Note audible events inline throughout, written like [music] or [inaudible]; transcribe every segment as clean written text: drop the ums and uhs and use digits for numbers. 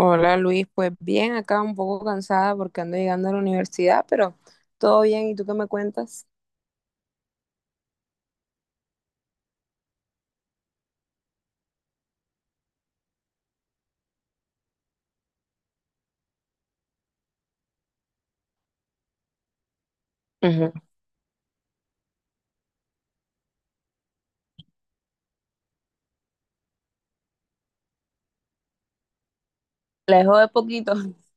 Hola Luis, pues bien, acá un poco cansada porque ando llegando a la universidad, pero todo bien, ¿y tú qué me cuentas? Ujú. Lejos de poquito. [laughs]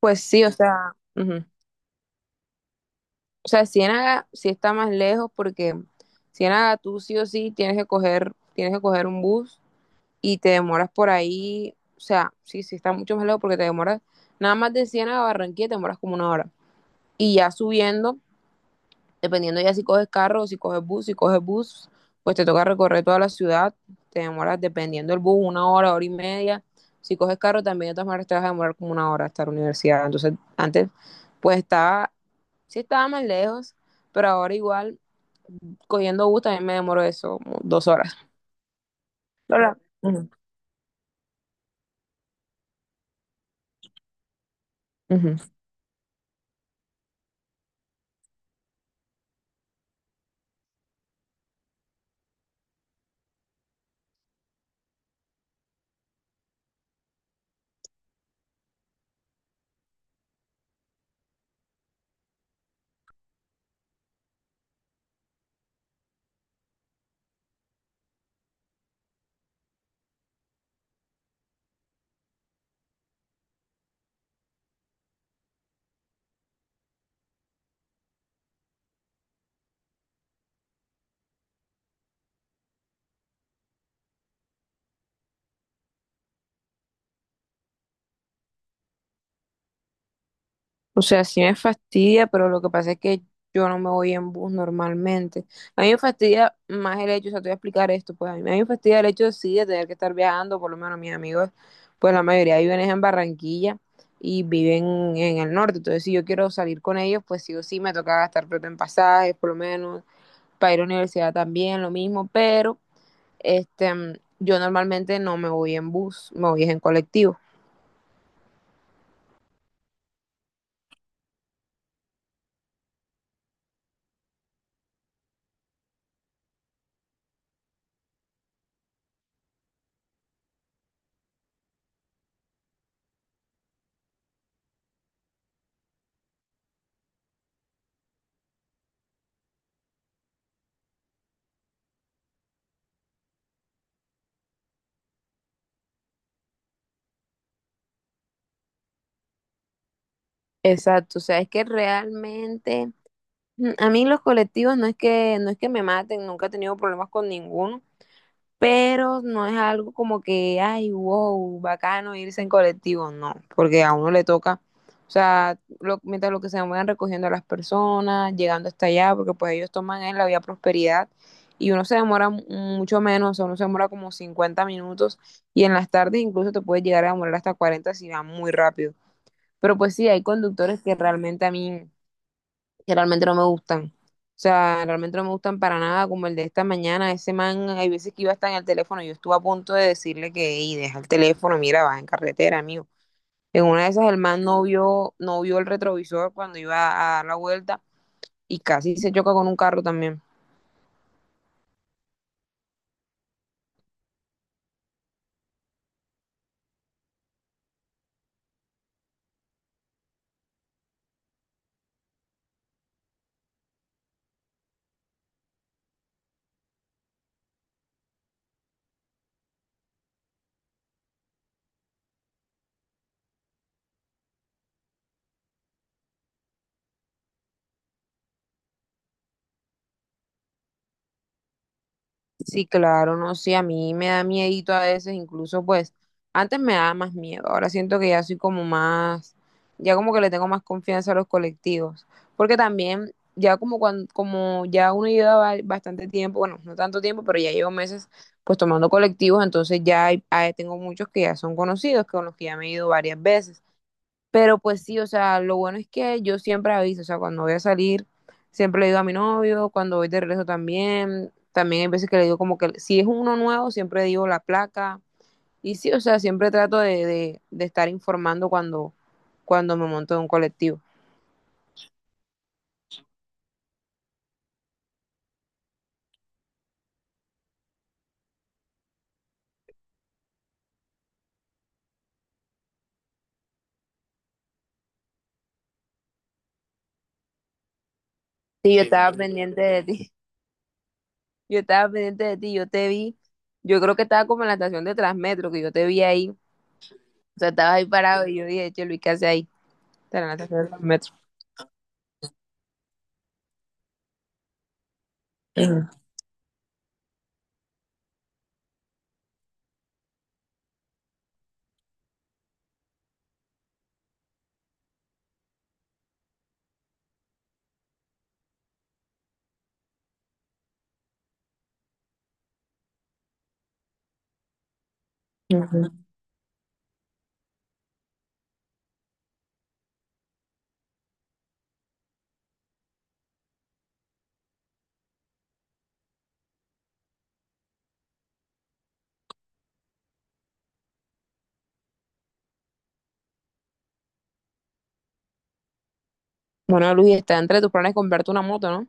Pues sí, o sea, ujú. O sea, Ciénaga sí está más lejos porque Ciénaga tú sí o sí tienes que coger un bus y te demoras por ahí, o sea, sí, sí está mucho más lejos porque te demoras nada más de Ciénaga a Barranquilla te demoras como 1 hora. Y ya subiendo dependiendo ya si coges carro o si coges bus, pues te toca recorrer toda la ciudad, te demoras dependiendo del bus 1 hora, hora y media. Si coges carro también de todas maneras te vas a demorar como 1 hora hasta la universidad. Entonces antes pues estaba, sí estaba más lejos, pero ahora igual cogiendo bus también me demoro eso, como 2 horas. Hola. Ujú. Ujú. O sea, sí me fastidia, pero lo que pasa es que yo no me voy en bus normalmente. A mí me fastidia más el hecho, o sea, te voy a explicar esto, pues a mí me fastidia el hecho, sí, de tener que estar viajando, por lo menos mis amigos, pues la mayoría viven es en Barranquilla y viven en el norte, entonces si yo quiero salir con ellos, pues sí o sí me toca gastar plata en pasajes, por lo menos, para ir a la universidad también, lo mismo, pero este, yo normalmente no me voy en bus, me voy es en colectivo. Exacto, o sea, es que realmente a mí los colectivos no es que me maten, nunca he tenido problemas con ninguno, pero no es algo como que, ay, wow, bacano irse en colectivo, no, porque a uno le toca, o sea, mientras lo que se van recogiendo a las personas, llegando hasta allá, porque pues ellos toman en la vía Prosperidad y uno se demora mucho menos, o sea, uno se demora como 50 minutos y en las tardes incluso te puedes llegar a demorar hasta 40 si va muy rápido. Pero pues sí, hay conductores que realmente no me gustan. O sea, realmente no me gustan para nada, como el de esta mañana, ese man, hay veces que iba hasta en el teléfono, yo estuve a punto de decirle que, hey, deja el teléfono, mira, vas en carretera, amigo. En una de esas el man no vio el retrovisor cuando iba a dar la vuelta y casi se choca con un carro también. Sí, claro, no, sí, a mí me da miedito a veces, incluso pues antes me daba más miedo, ahora siento que ya soy como más, ya como que le tengo más confianza a los colectivos, porque también ya como cuando, como ya uno lleva bastante tiempo, bueno, no tanto tiempo, pero ya llevo meses pues tomando colectivos, entonces ya tengo muchos que ya son conocidos, con los que ya me he ido varias veces. Pero pues sí, o sea, lo bueno es que yo siempre aviso, o sea, cuando voy a salir, siempre le digo a mi novio, cuando voy de regreso también hay veces que le digo como que si es uno nuevo, siempre digo la placa. Y sí, o sea, siempre trato de estar informando cuando me monto en un colectivo. Sí, yo estaba pendiente de ti, [laughs] yo estaba pendiente de ti, yo te vi, yo creo que estaba como en la estación de Transmetro, que yo te vi ahí, o sea, estabas ahí parado y yo dije, che, Luis, ¿qué hace ahí? Estaba en la estación de Transmetro. Bueno, Luis, está entre tus planes comprarte una moto, ¿no?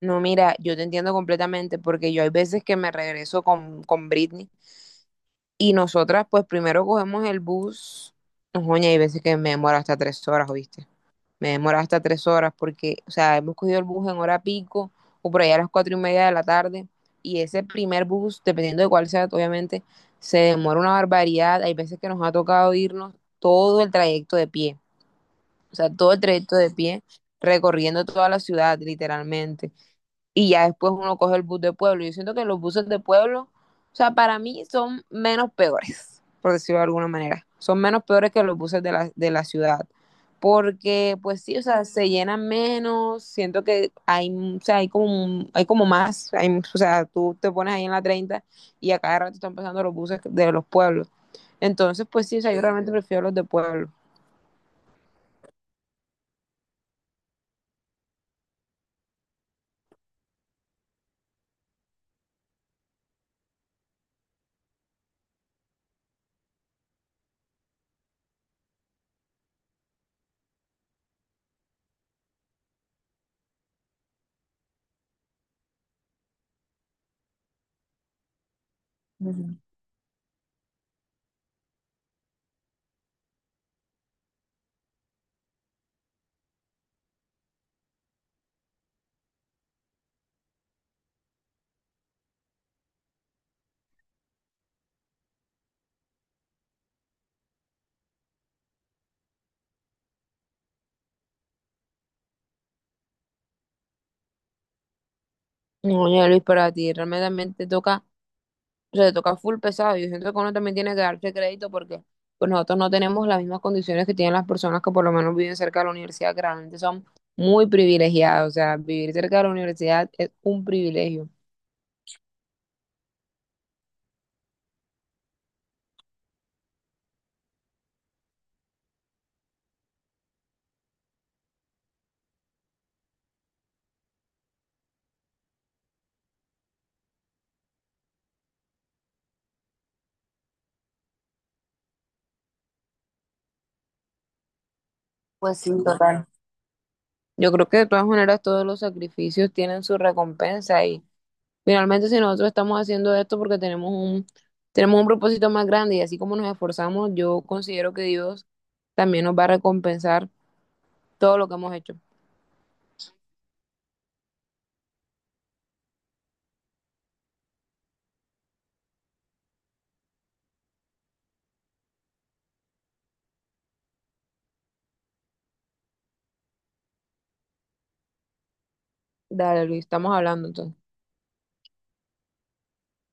No, mira, yo te entiendo completamente porque yo hay veces que me regreso con Britney y nosotras pues primero cogemos el bus, no, joña, hay veces que me demora hasta 3 horas, ¿oíste? Me demora hasta tres horas porque, o sea, hemos cogido el bus en hora pico o por allá a las 4:30 de la tarde y ese primer bus, dependiendo de cuál sea, obviamente, se demora una barbaridad. Hay veces que nos ha tocado irnos todo el trayecto de pie. O sea, todo el trayecto de pie, recorriendo toda la ciudad, literalmente. Y ya después uno coge el bus de pueblo. Yo siento que los buses de pueblo, o sea, para mí son menos peores, por decirlo de alguna manera. Son menos peores que los buses de la ciudad. Porque, pues sí, o sea, se llenan menos, siento que hay, o sea, hay como, hay como más, o sea, tú te pones ahí en la 30 y a cada rato están pasando los buses de los pueblos. Entonces, pues sí, o sea, yo realmente prefiero los de pueblo. Oye, Luis, para ti realmente también te toca, o sea, te toca full pesado. Yo siento que uno también tiene que darse crédito porque pues nosotros no tenemos las mismas condiciones que tienen las personas que por lo menos viven cerca de la universidad, que realmente son muy privilegiados. O sea, vivir cerca de la universidad es un privilegio. Pues sí, total. Yo creo que de todas maneras todos los sacrificios tienen su recompensa y finalmente si nosotros estamos haciendo esto porque tenemos un propósito más grande y así como nos esforzamos, yo considero que Dios también nos va a recompensar todo lo que hemos hecho. Dale, Luis, estamos hablando entonces.